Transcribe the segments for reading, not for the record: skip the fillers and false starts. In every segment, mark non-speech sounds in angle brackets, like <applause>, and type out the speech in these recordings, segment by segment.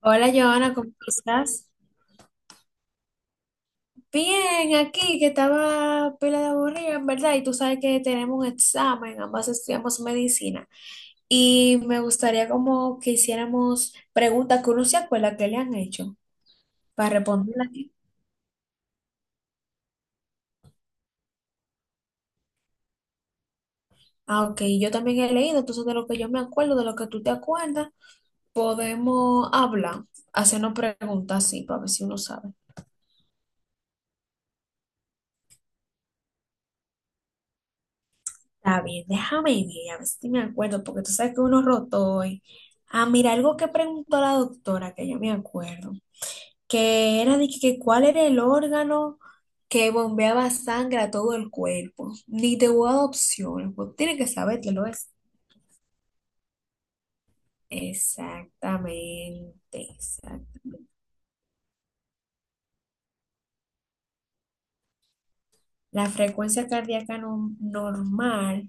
Hola, Joana, ¿cómo estás? Bien, aquí que estaba pila de aburrida, en verdad, y tú sabes que tenemos un examen, ambas estudiamos medicina, y me gustaría como que hiciéramos preguntas que uno se acuerda que le han hecho para responderlas aquí. Ah, ok, yo también he leído, entonces de lo que yo me acuerdo, de lo que tú te acuerdas, podemos hablar, hacernos preguntas, sí, para ver si uno sabe. Está bien, déjame ir, a ver si me acuerdo, porque tú sabes que uno rotó hoy. Ah, mira, algo que preguntó la doctora, que yo me acuerdo, que era de que cuál era el órgano que bombeaba sangre a todo el cuerpo. Ni te voy a dar opciones, pues tiene que saber que lo es. Exactamente, exactamente. La frecuencia cardíaca normal,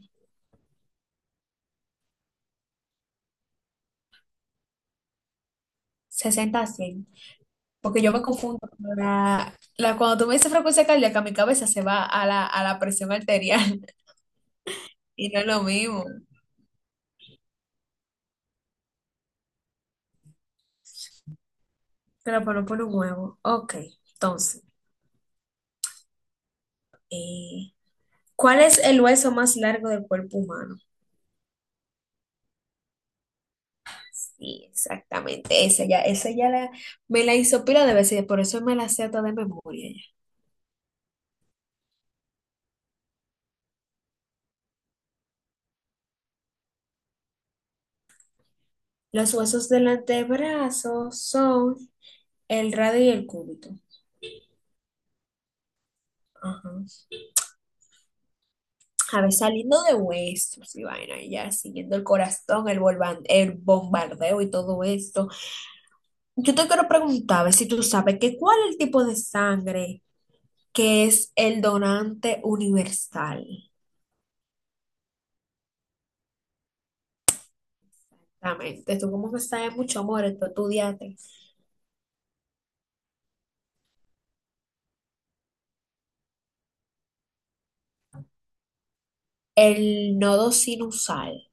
60 a 100. Porque yo me confundo con cuando tú me dices frecuencia cardíaca, mi cabeza se va a la presión arterial. Y no es lo mismo. Pero por un huevo. Ok, entonces, eh, ¿cuál es el hueso más largo del cuerpo humano? Sí, exactamente. Esa ya, me la hizo pila de veces, por eso me la sé toda de memoria ya. Los huesos del antebrazo son el radio y el cúbito. Ajá. A ver, saliendo de huesos y vaina, y ya siguiendo el corazón, el bombardeo y todo esto. Yo te quiero preguntar, a ver si tú sabes que cuál es el tipo de sangre que es el donante universal. Exactamente. Tú como que sabes mucho, amor, esto estudiate. El nodo sinusal.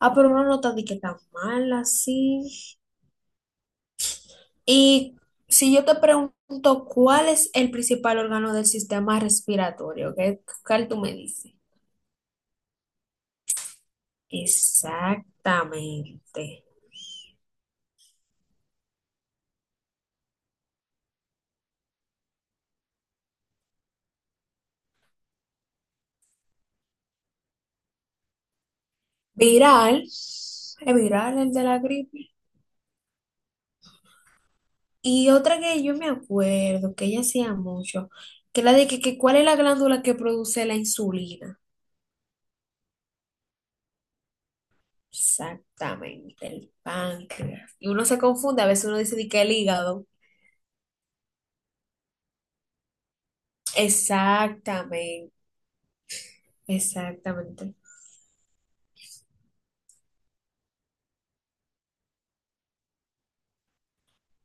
Ah, pero una nota de que tan mal así. Y si yo te pregunto cuál es el principal órgano del sistema respiratorio, ¿qué cuál tú me dices? Exactamente. Viral. ¿Es viral el de la gripe? Y otra que yo me acuerdo que ella hacía mucho, que la de que cuál es la glándula que produce la insulina. Exactamente, el páncreas. Y uno se confunde, a veces uno dice de que el hígado. Exactamente, exactamente.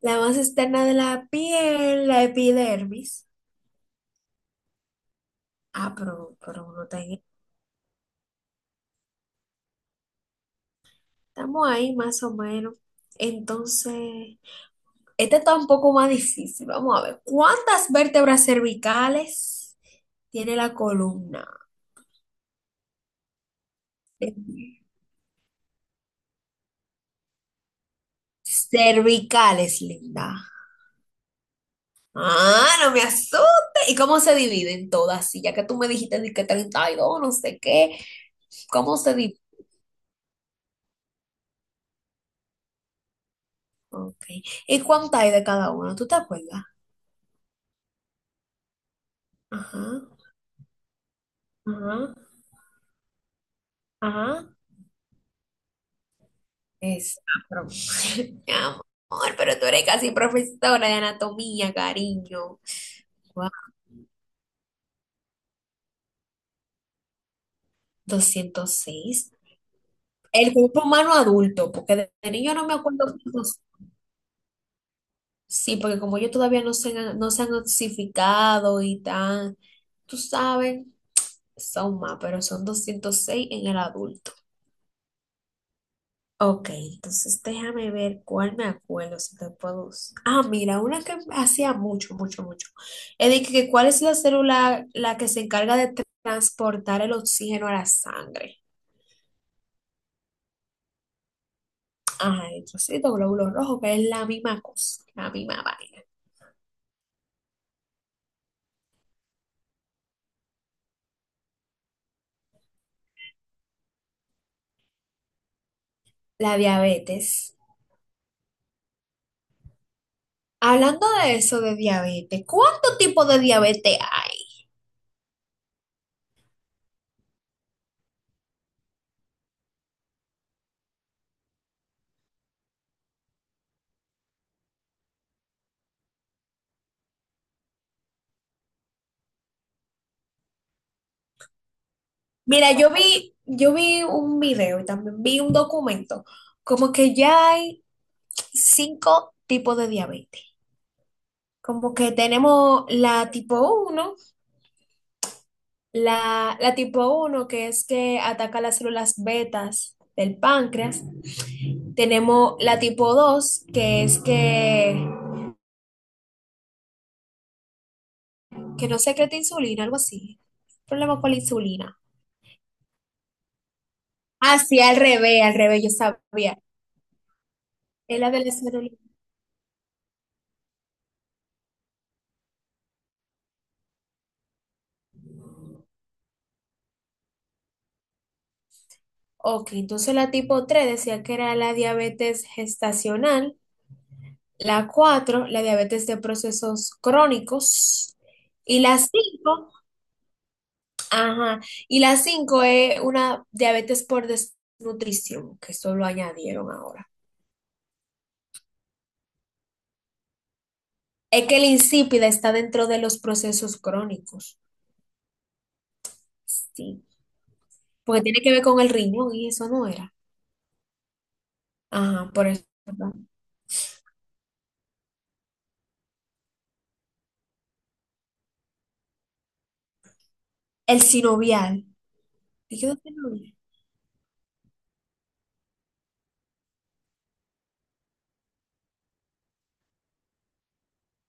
La más externa de la piel, la epidermis. Ah. Estamos ahí más o menos. Entonces, este está un poco más difícil. Vamos a ver. ¿Cuántas vértebras cervicales tiene la columna? Cervicales, linda. Ah, no me asustes. ¿Y cómo se dividen todas? Sí, ya que tú me dijiste de que 32 no sé qué. ¿Cómo se dividen? Ok. ¿Y cuánto hay de cada uno? ¿Tú te acuerdas? Ajá, ajá, ajá. Es, ah, pero- <laughs> Mi amor, pero tú eres casi profesora de anatomía, cariño. Wow, 206. El cuerpo humano adulto, porque de niño no me acuerdo. Sí, porque como ellos todavía no se han notificado y tan, tú sabes, son más, pero son 206 en el adulto. Ok, entonces déjame ver cuál me acuerdo, si te puedo. Ah, mira, una que hacía mucho, mucho, mucho. Es de que cuál es la célula la que se encarga de transportar el oxígeno a la sangre. Ajá, entonces glóbulo rojo, que es la misma cosa, la misma vaina. La diabetes. Hablando de eso de diabetes, ¿cuánto tipo de diabetes hay? Mira, yo vi un video y también vi un documento, como que ya hay cinco tipos de diabetes. Como que tenemos uno la tipo uno que es que ataca las células betas del páncreas. Tenemos la tipo 2 que es que no secreta insulina, algo así. Problema con la insulina. Ah, sí, al revés, yo sabía. Es la de la celulitis. Ok, entonces la tipo 3 decía que era la diabetes gestacional, la 4 la diabetes de procesos crónicos, y la cinco, ajá, y la 5 es una diabetes por desnutrición, que eso lo añadieron ahora. Es que la insípida está dentro de los procesos crónicos, sí, porque tiene que ver con el riñón y eso no era. Ajá, por eso. ¿Verdad? El sinovial. ¿Y qué es el sinovial?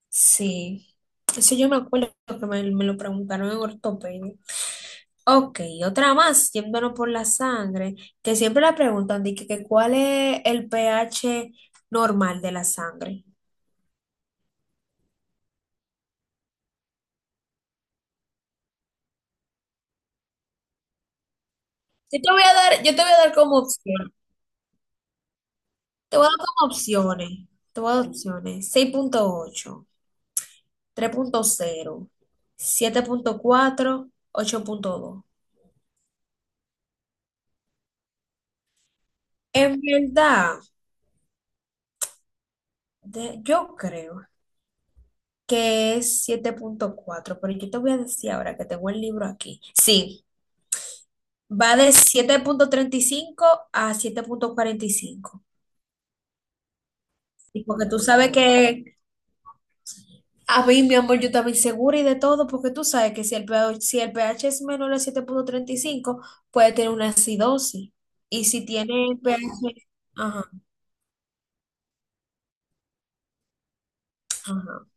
Sí, eso yo me acuerdo que me lo preguntaron en ortopedia. Ok, otra más, yéndonos por la sangre, que siempre la preguntan, de que cuál es el pH normal de la sangre. Yo te voy a dar, yo te voy a dar como opción, te voy a dar como opciones, te voy a dar opciones, seis punto ocho, 3.0, 7.4, 8.2. En verdad, yo creo que es 7.4 pero yo te voy a decir ahora que tengo el libro aquí. Sí, va de 7.35 a 7.45. Y porque tú sabes que a mí, mi amor, yo también segura y de todo, porque tú sabes que si el pH es menor a 7.35 puede tener una acidosis. Y si tiene el pH. Ajá, ajá.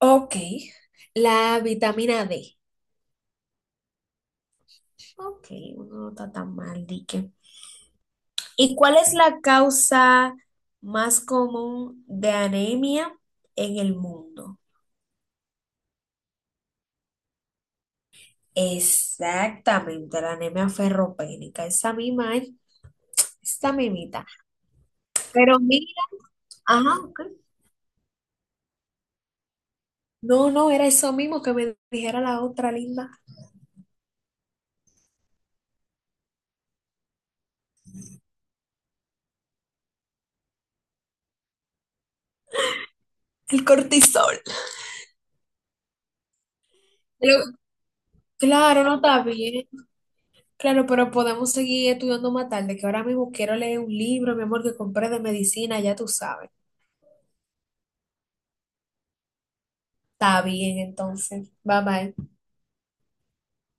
Ok, la vitamina D. Ok, uno no está tan mal, dique. ¿Y cuál es la causa más común de anemia en el mundo? Exactamente, la anemia ferropénica, esa misma, ¿eh? Esta mimita. Pero mira, ajá, ok. No, no, era eso mismo que me dijera la otra linda, el cortisol. Pero, claro, no está bien. Claro, pero podemos seguir estudiando más tarde, que ahora mismo quiero leer un libro, mi amor, que compré de medicina, ya tú sabes. Está bien, entonces. Bye bye.